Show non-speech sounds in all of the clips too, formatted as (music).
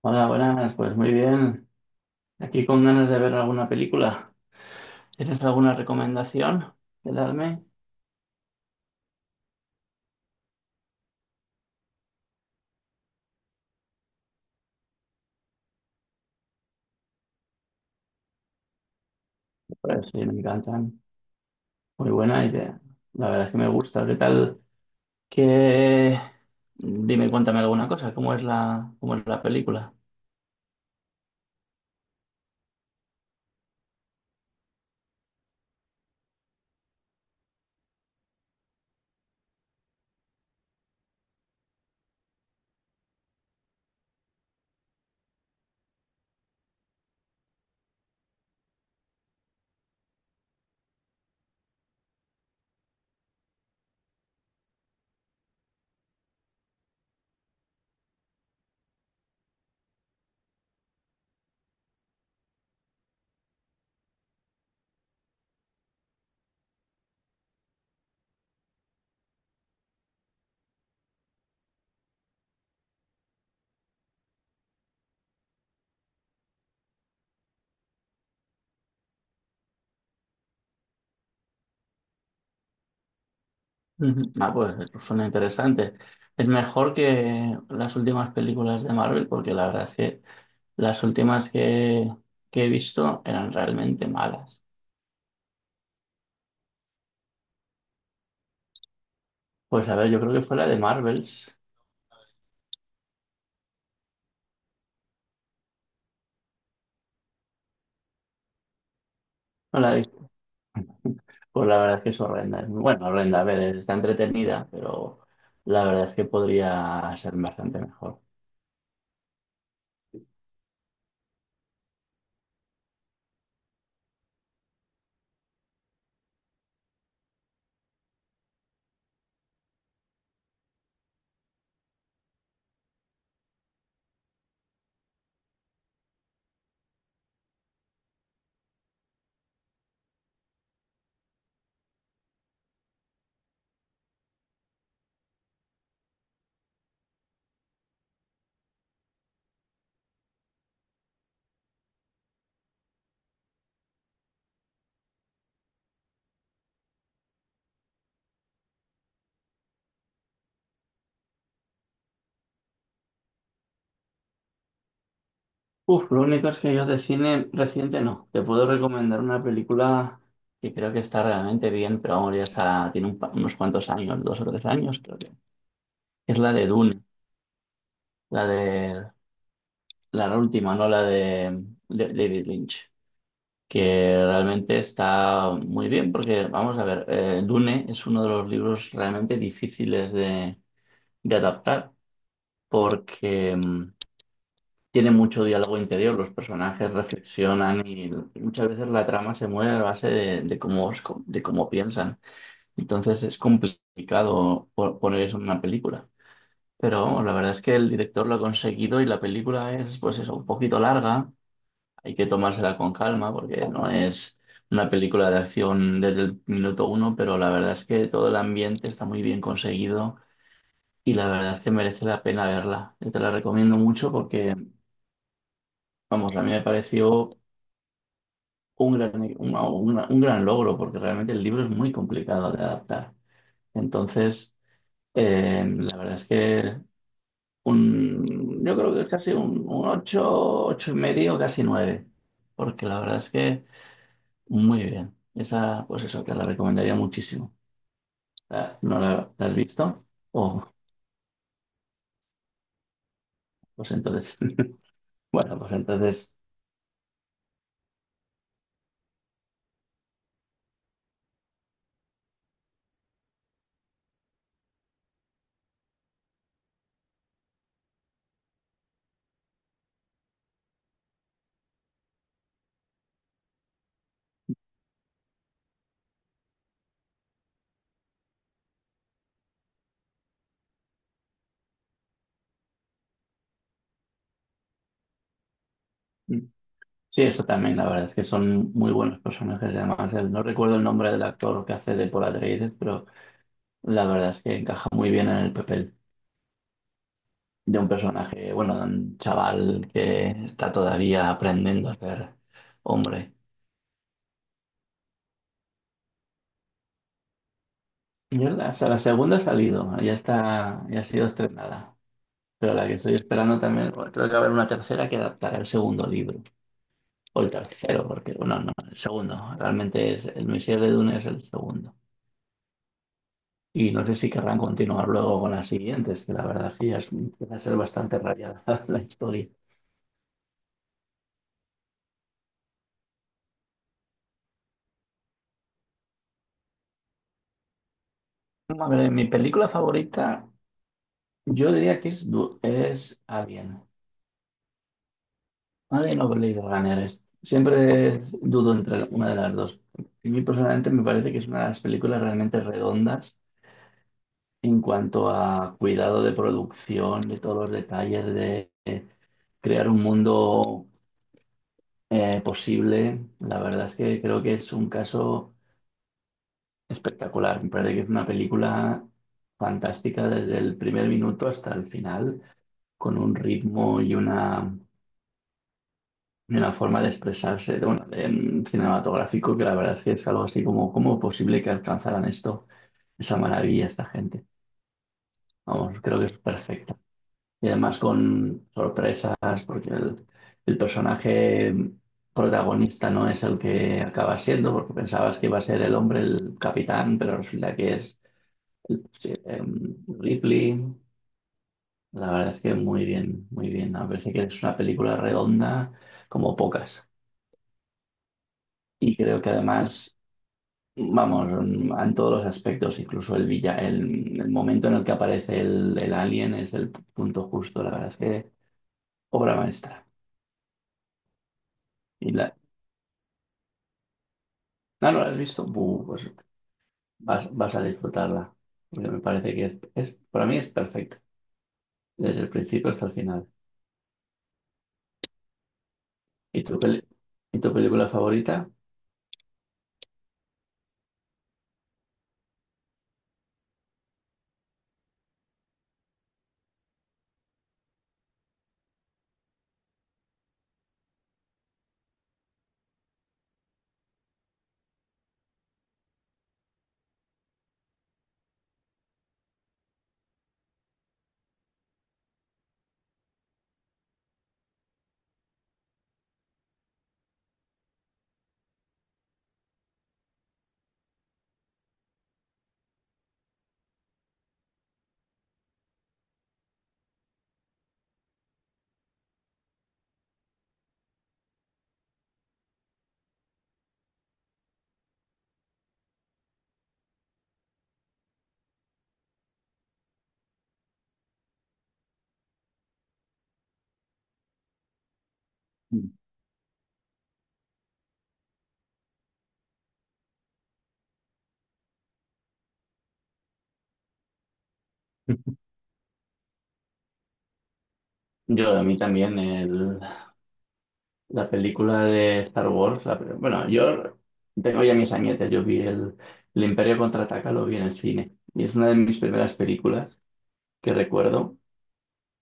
Hola, buenas, pues muy bien. Aquí con ganas de ver alguna película. ¿Tienes alguna recomendación que darme? Pues sí, me encantan. Muy buena idea. La verdad es que me gusta. ¿Qué tal? Que... Dime, cuéntame alguna cosa. ¿Cómo es la película? (laughs) Ujú. Ah, pues suena interesante. Es mejor que las últimas películas de Marvel porque la verdad es que las últimas que he visto eran realmente malas. Pues a ver, yo creo que fue la de Marvels. No, la de pues la verdad es que es horrenda. Es bueno, horrenda, a ver, está entretenida, pero la verdad es que podría ser bastante mejor. Uf, lo único es que yo de cine reciente no. Te puedo recomendar una película que creo que está realmente bien, pero vamos, ya está, tiene unos cuantos años, dos o tres años, creo que. Es la de Dune, la de la última, no la de David Lynch, que realmente está muy bien, porque vamos a ver, Dune es uno de los libros realmente difíciles de adaptar porque tiene mucho diálogo interior, los personajes reflexionan y muchas veces la trama se mueve a base de cómo piensan. Entonces es complicado poner eso en una película. Pero vamos, la verdad es que el director lo ha conseguido y la película es, pues eso, un poquito larga. Hay que tomársela con calma porque no es una película de acción desde el minuto uno, pero la verdad es que todo el ambiente está muy bien conseguido y la verdad es que merece la pena verla. Yo te la recomiendo mucho porque, vamos, a mí me pareció un gran logro porque realmente el libro es muy complicado de adaptar. Entonces, la verdad es que yo creo que es casi un 8 8 y medio, casi 9, porque la verdad es que muy bien. Esa, pues eso, te la recomendaría muchísimo. Ah, ¿No la has visto? Oh, pues entonces, (laughs) bueno, pues entonces. Sí, eso también, la verdad es que son muy buenos personajes. Además, no recuerdo el nombre del actor que hace de Paul Atreides, pero la verdad es que encaja muy bien en el papel de un personaje, bueno, de un chaval que está todavía aprendiendo a ser hombre. Yo la segunda ha salido, ya está, ya ha sido estrenada. Pero la que estoy esperando también, bueno, creo que va a haber una tercera que adaptará el segundo libro. O el tercero, porque, bueno, no, el segundo. Realmente es El Misil de Dune es el segundo. Y no sé si querrán continuar luego con las siguientes, que la verdad es que ya empieza a ser bastante rayada (laughs) la historia. A ver, mi película favorita, yo diría que es Alien. Alien o Blade Runner. Siempre dudo entre una de las dos. A mí personalmente me parece que es una de las películas realmente redondas en cuanto a cuidado de producción, de todos los detalles, de crear un mundo posible. La verdad es que creo que es un caso espectacular, me parece que es una película fantástica desde el primer minuto hasta el final, con un ritmo y una forma de expresarse cinematográfico, que la verdad es que es algo así como, ¿cómo es posible que alcanzaran esto, esa maravilla esta gente? Vamos, creo que es perfecta. Y además con sorpresas, porque el personaje protagonista no es el que acaba siendo, porque pensabas que iba a ser el hombre, el capitán, pero resulta que es Ripley, la verdad es que muy bien, muy bien. Me parece que es una película redonda como pocas. Y creo que además, vamos, en todos los aspectos, incluso el momento en el que aparece el alien es el punto justo. La verdad es que obra maestra. Y la, ah, ¿no la has visto? Pues vas a disfrutarla. Porque me parece que para mí es perfecta, desde el principio hasta el final. ¿Y tu, peli- y tu película favorita? Mm. (laughs) A mí también, la película de Star Wars, bueno, yo tengo ya mis añetes, yo vi el Imperio Contraataca, lo vi en el cine, y es una de mis primeras películas que recuerdo,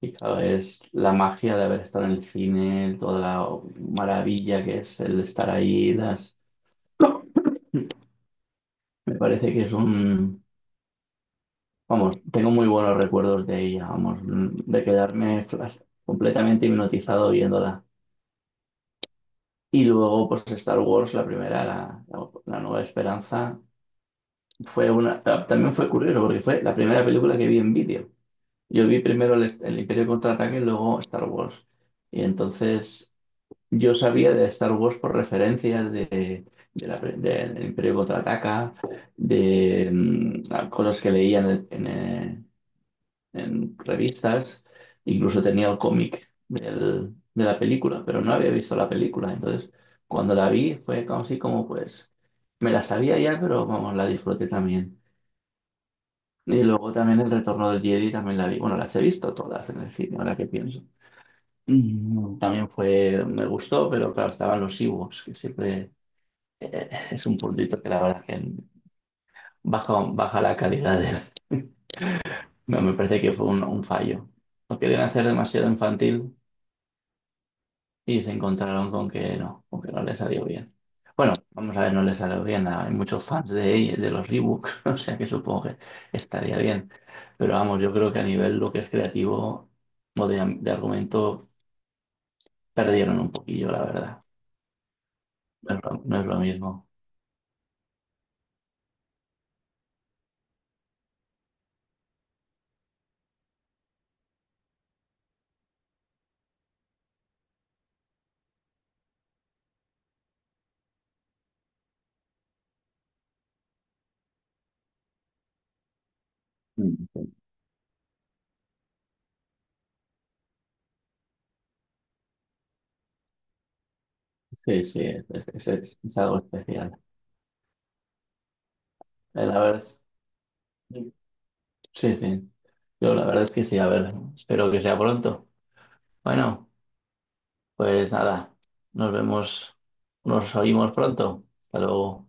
y claro, es la magia de haber estado en el cine, toda la maravilla que es el estar ahí, me parece que es vamos, tengo muy buenos recuerdos de ella, vamos, de quedarme completamente hipnotizado viéndola. Y luego, pues Star Wars, la primera, la Nueva Esperanza, también fue curioso porque fue la primera película que vi en vídeo. Yo vi primero el Imperio Contraataque y luego Star Wars. Y entonces yo sabía de Star Wars por referencias del Imperio Contraataca, de cosas que leía en revistas, incluso tenía el cómic de la película, pero no había visto la película. Entonces, cuando la vi fue como así como pues, me la sabía ya, pero vamos, la disfruté también. Y luego también El Retorno del Jedi también la vi. Bueno, las he visto todas en el cine, ahora que pienso. También me gustó, pero claro, estaban los Ewoks, que siempre es un puntito que la verdad que baja la calidad de- (laughs) No, me parece que fue un fallo. Lo querían hacer demasiado infantil y se encontraron con que no, le salió bien. Bueno, vamos a ver, no le salió bien. Hay muchos fans de los rebooks, (laughs) o sea que supongo que estaría bien. Pero vamos, yo creo que a nivel lo que es creativo o de argumento perdieron un poquillo, la verdad. No es lo mismo. Mm. Sí, sí, es algo especial. Eh, La verdad es- sí, sí. Yo la verdad es que sí, a ver, espero que sea pronto. Bueno. Pues nada, nos vemos, nos oímos pronto. Hasta luego.